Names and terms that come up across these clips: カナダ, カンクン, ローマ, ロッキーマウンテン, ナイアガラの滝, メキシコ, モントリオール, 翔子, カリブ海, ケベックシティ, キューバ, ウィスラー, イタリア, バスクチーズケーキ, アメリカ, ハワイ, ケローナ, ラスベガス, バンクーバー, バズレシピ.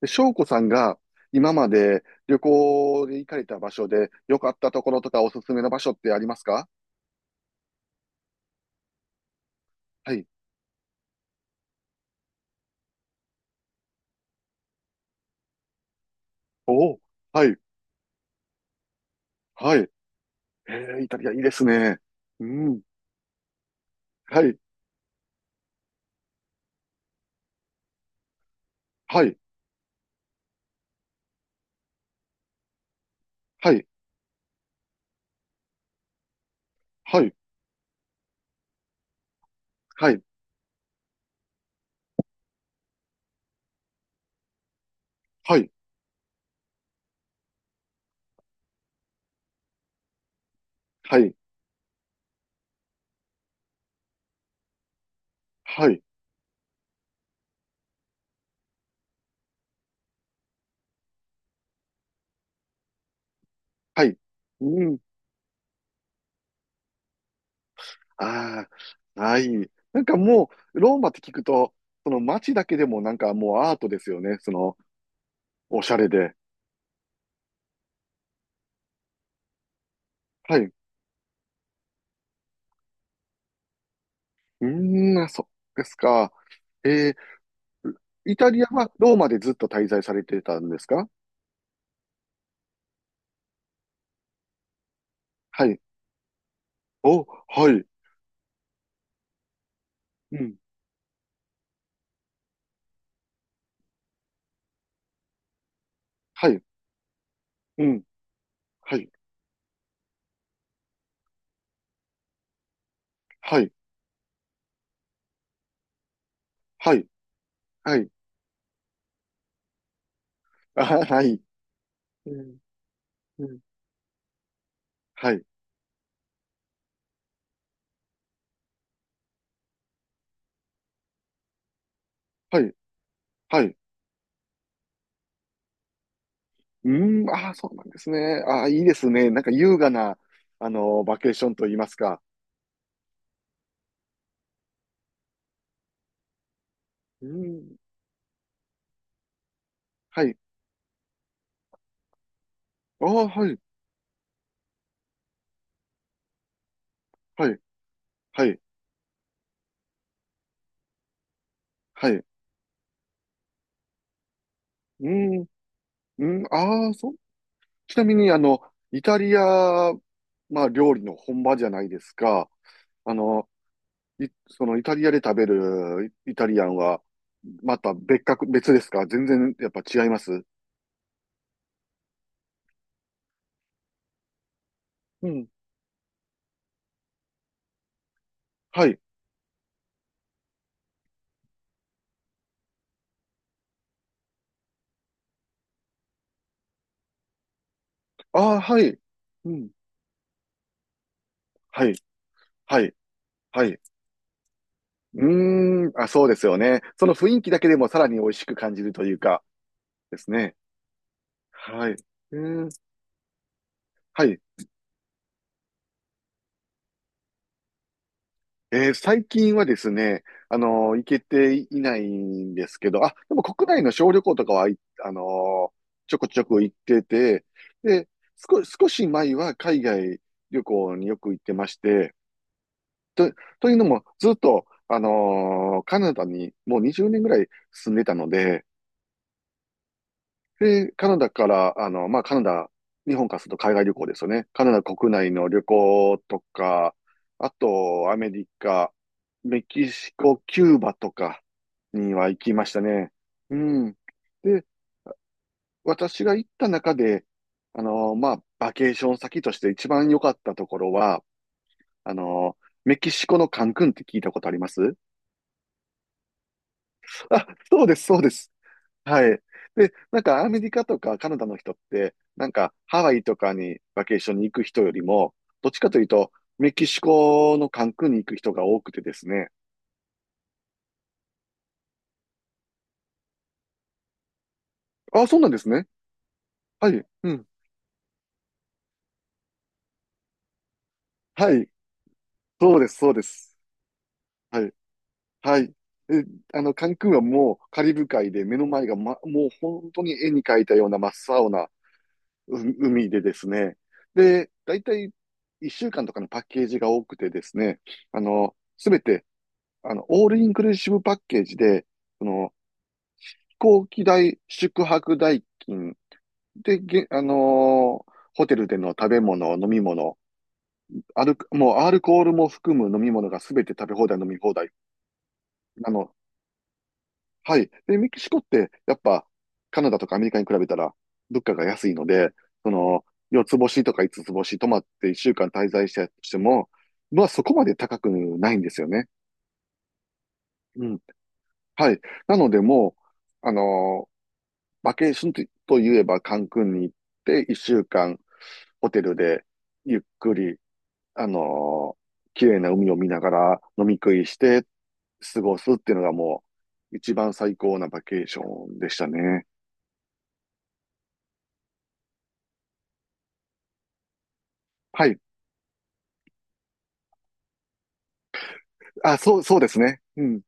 で、翔子さんが今まで旅行で行かれた場所で良かったところとかおすすめの場所ってありますか？はい。おお、はい、はい。えイタリアいいですね。うん。はい、はい、はい、はい、はい、はい、はい、はい、はい。うん。ああ、はい。なんかもう、ローマって聞くと、その街だけでもなんかもうアートですよね。その、おしゃれで。はい。うーん、あそうですか。えーイタリアはローマでずっと滞在されてたんですか？はい。お、はい。うん。はい。うん。はい。はい。はい。はい。あ、はい。うん。うん。はい。はい。はい。うーん。ああ、そうなんですね。ああ、いいですね。なんか優雅な、あの、バケーションといいますか。うーん。はい。ああ、はい。はい。はい。はい。うん。うーん。ああ、そう。ちなみに、あの、イタリア、まあ、料理の本場じゃないですか。あの、いそのイタリアで食べるイイタリアンは、また別格、別ですか？全然やっぱ違います？うん。はい。ああ、はい。うん。はい。はい。はい。うーん。あ、そうですよね。その雰囲気だけでもさらに美味しく感じるというか、ですね。はい。うーん。はい。最近はですね、あのー行けていないんですけど、あ、でも国内の小旅行とかは、いあのーちょこちょこ行ってて、で、少、少し前は海外旅行によく行ってまして、と、というのも、ずっと、あのーカナダにもう20年ぐらい住んでたので、で、カナダから、あの、まあ、カナダ、日本からすると海外旅行ですよね。カナダ国内の旅行とか、あと、アメリカ、メキシコ、キューバとかには行きましたね。うん。で、私が行った中で、あの、まあ、バケーション先として一番良かったところは、あの、メキシコのカンクンって聞いたことあります？あ、そうです、そうです。はい。で、なんかアメリカとかカナダの人って、なんかハワイとかにバケーションに行く人よりも、どっちかというと、メキシコのカンクンに行く人が多くてですね。あ、そうなんですね。はい。うん。はい。そうです、そうです。はい。はい。え、あの、カンクンはもうカリブ海で目の前が、ま、もう本当に絵に描いたような真っ青なう海でですね。で、だいたい1週間とかのパッケージが多くてですね、あの、すべてあの、オールインクルーシブパッケージで、その、飛行機代、宿泊代金で、げ、あのーホテルでの食べ物、飲み物、アル、もうアルコールも含む飲み物がすべて食べ放題、飲み放題。あの、はい。で、メキシコって、やっぱ、カナダとかアメリカに比べたら、物価が安いので、その、四つ星とか五つつ星泊まって一週間滞在したとしても、まあそこまで高くないんですよね。うん。はい。なのでもう、あのバケーションとと言えばカンクンに行って一週間ホテルでゆっくり、あのー綺麗な海を見ながら飲み食いして過ごすっていうのがもう一番最高なバケーションでしたね。はい。あ、そう、そうですね。うん。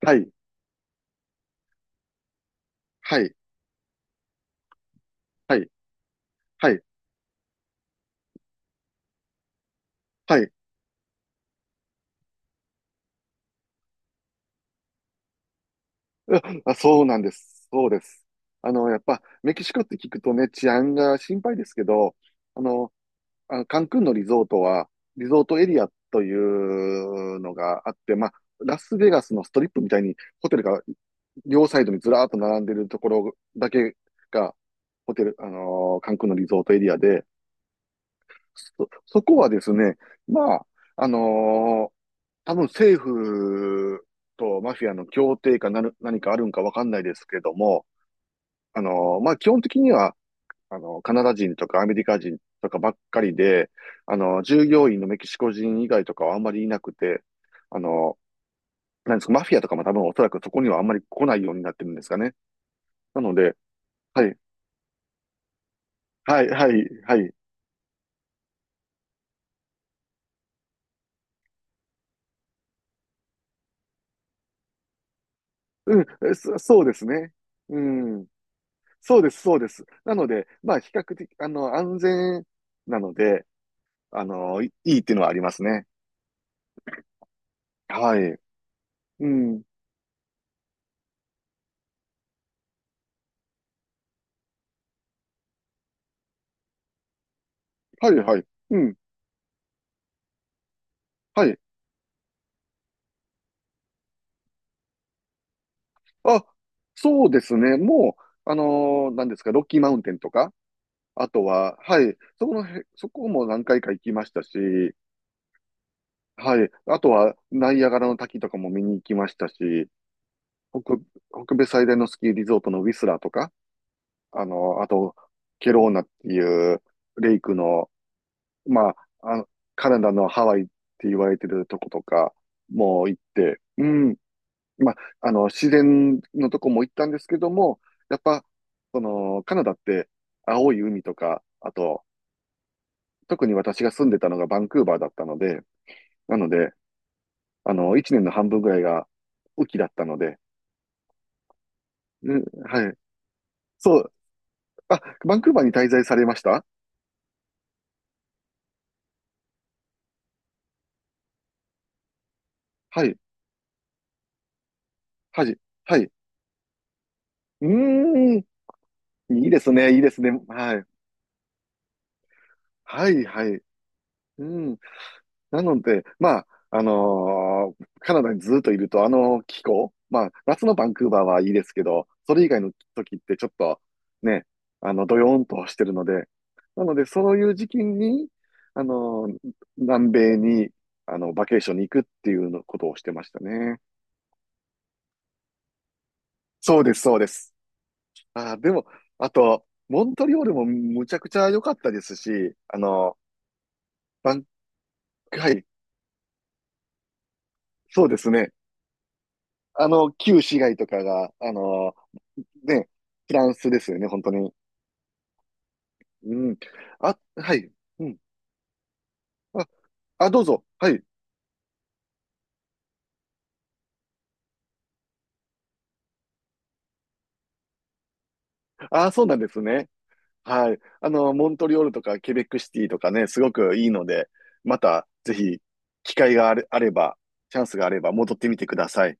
はい。はい。はい。はい。はい。あ、あそうなんです。そうです。あの、やっぱ、メキシコって聞くとね、治安が心配ですけど、あの、あの、カンクンのリゾートは、リゾートエリアというのがあって、まあ、ラスベガスのストリップみたいにホテルが両サイドにずらーっと並んでるところだけが、ホテル、あのーカンクンのリゾートエリアで、そ、そこはですね、まあ、あのー多分政府とマフィアの協定かなる、何かあるんかわかんないですけども、あのーまあ基本的にはあの、カナダ人とかアメリカ人とかばっかりで、あの、従業員のメキシコ人以外とかはあんまりいなくて、あの、なんですか、マフィアとかも多分おそらくそこにはあんまり来ないようになってるんですかね。なので、はい、はい、はい、はい。うん、そ、そうですね。うん。そうです、そうです。なので、まあ、比較的、あの、安全なので、あの、いいいっていうのはありますね。はい。うん。はい、はい。うん。はい。あ、そうですね。もう、あのー、何ですか、ロッキーマウンテンとか、あとは、はい、そこのへ、そこも何回か行きましたし、はい、あとは、ナイアガラの滝とかも見に行きましたし、北、北米最大のスキーリゾートのウィスラーとか、あのー、あと、ケローナっていうレイクの、まあ、あの、カナダのハワイって言われてるとことかも行って、うん、まあ、あの、自然のとこも行ったんですけども、やっぱ、その、カナダって青い海とか、あと、特に私が住んでたのがバンクーバーだったので、なので、あの、一年の半分ぐらいが雨季だったので、うん、はい。そう、あ、バンクーバーに滞在されました？はい、はい、はい。うーん、いいですね、いいですね。はい、はい、はい。うん。なので、まあ、あのーカナダにずっといると、あの気候、まあ、夏のバンクーバーはいいですけど、それ以外の時ってちょっと、ね、あの、ドヨーンとしてるので、なので、そういう時期に、あのー南米に、あの、バケーションに行くっていうのことをしてましたね。そうです、そうです。あー、でも、あと、モントリオールもむちゃくちゃ良かったですし、あの、バン、はい、そうですね。あの、旧市街とかが、あのね、フランスですよね、本当に。うん。あ、はい。うん。あ、あ、どうぞ。はい。あ、そうなんですね。はい。あの、モントリオールとかケベックシティとかね、すごくいいので、また、ぜひ、機会があれ、あれば、チャンスがあれば、戻ってみてください。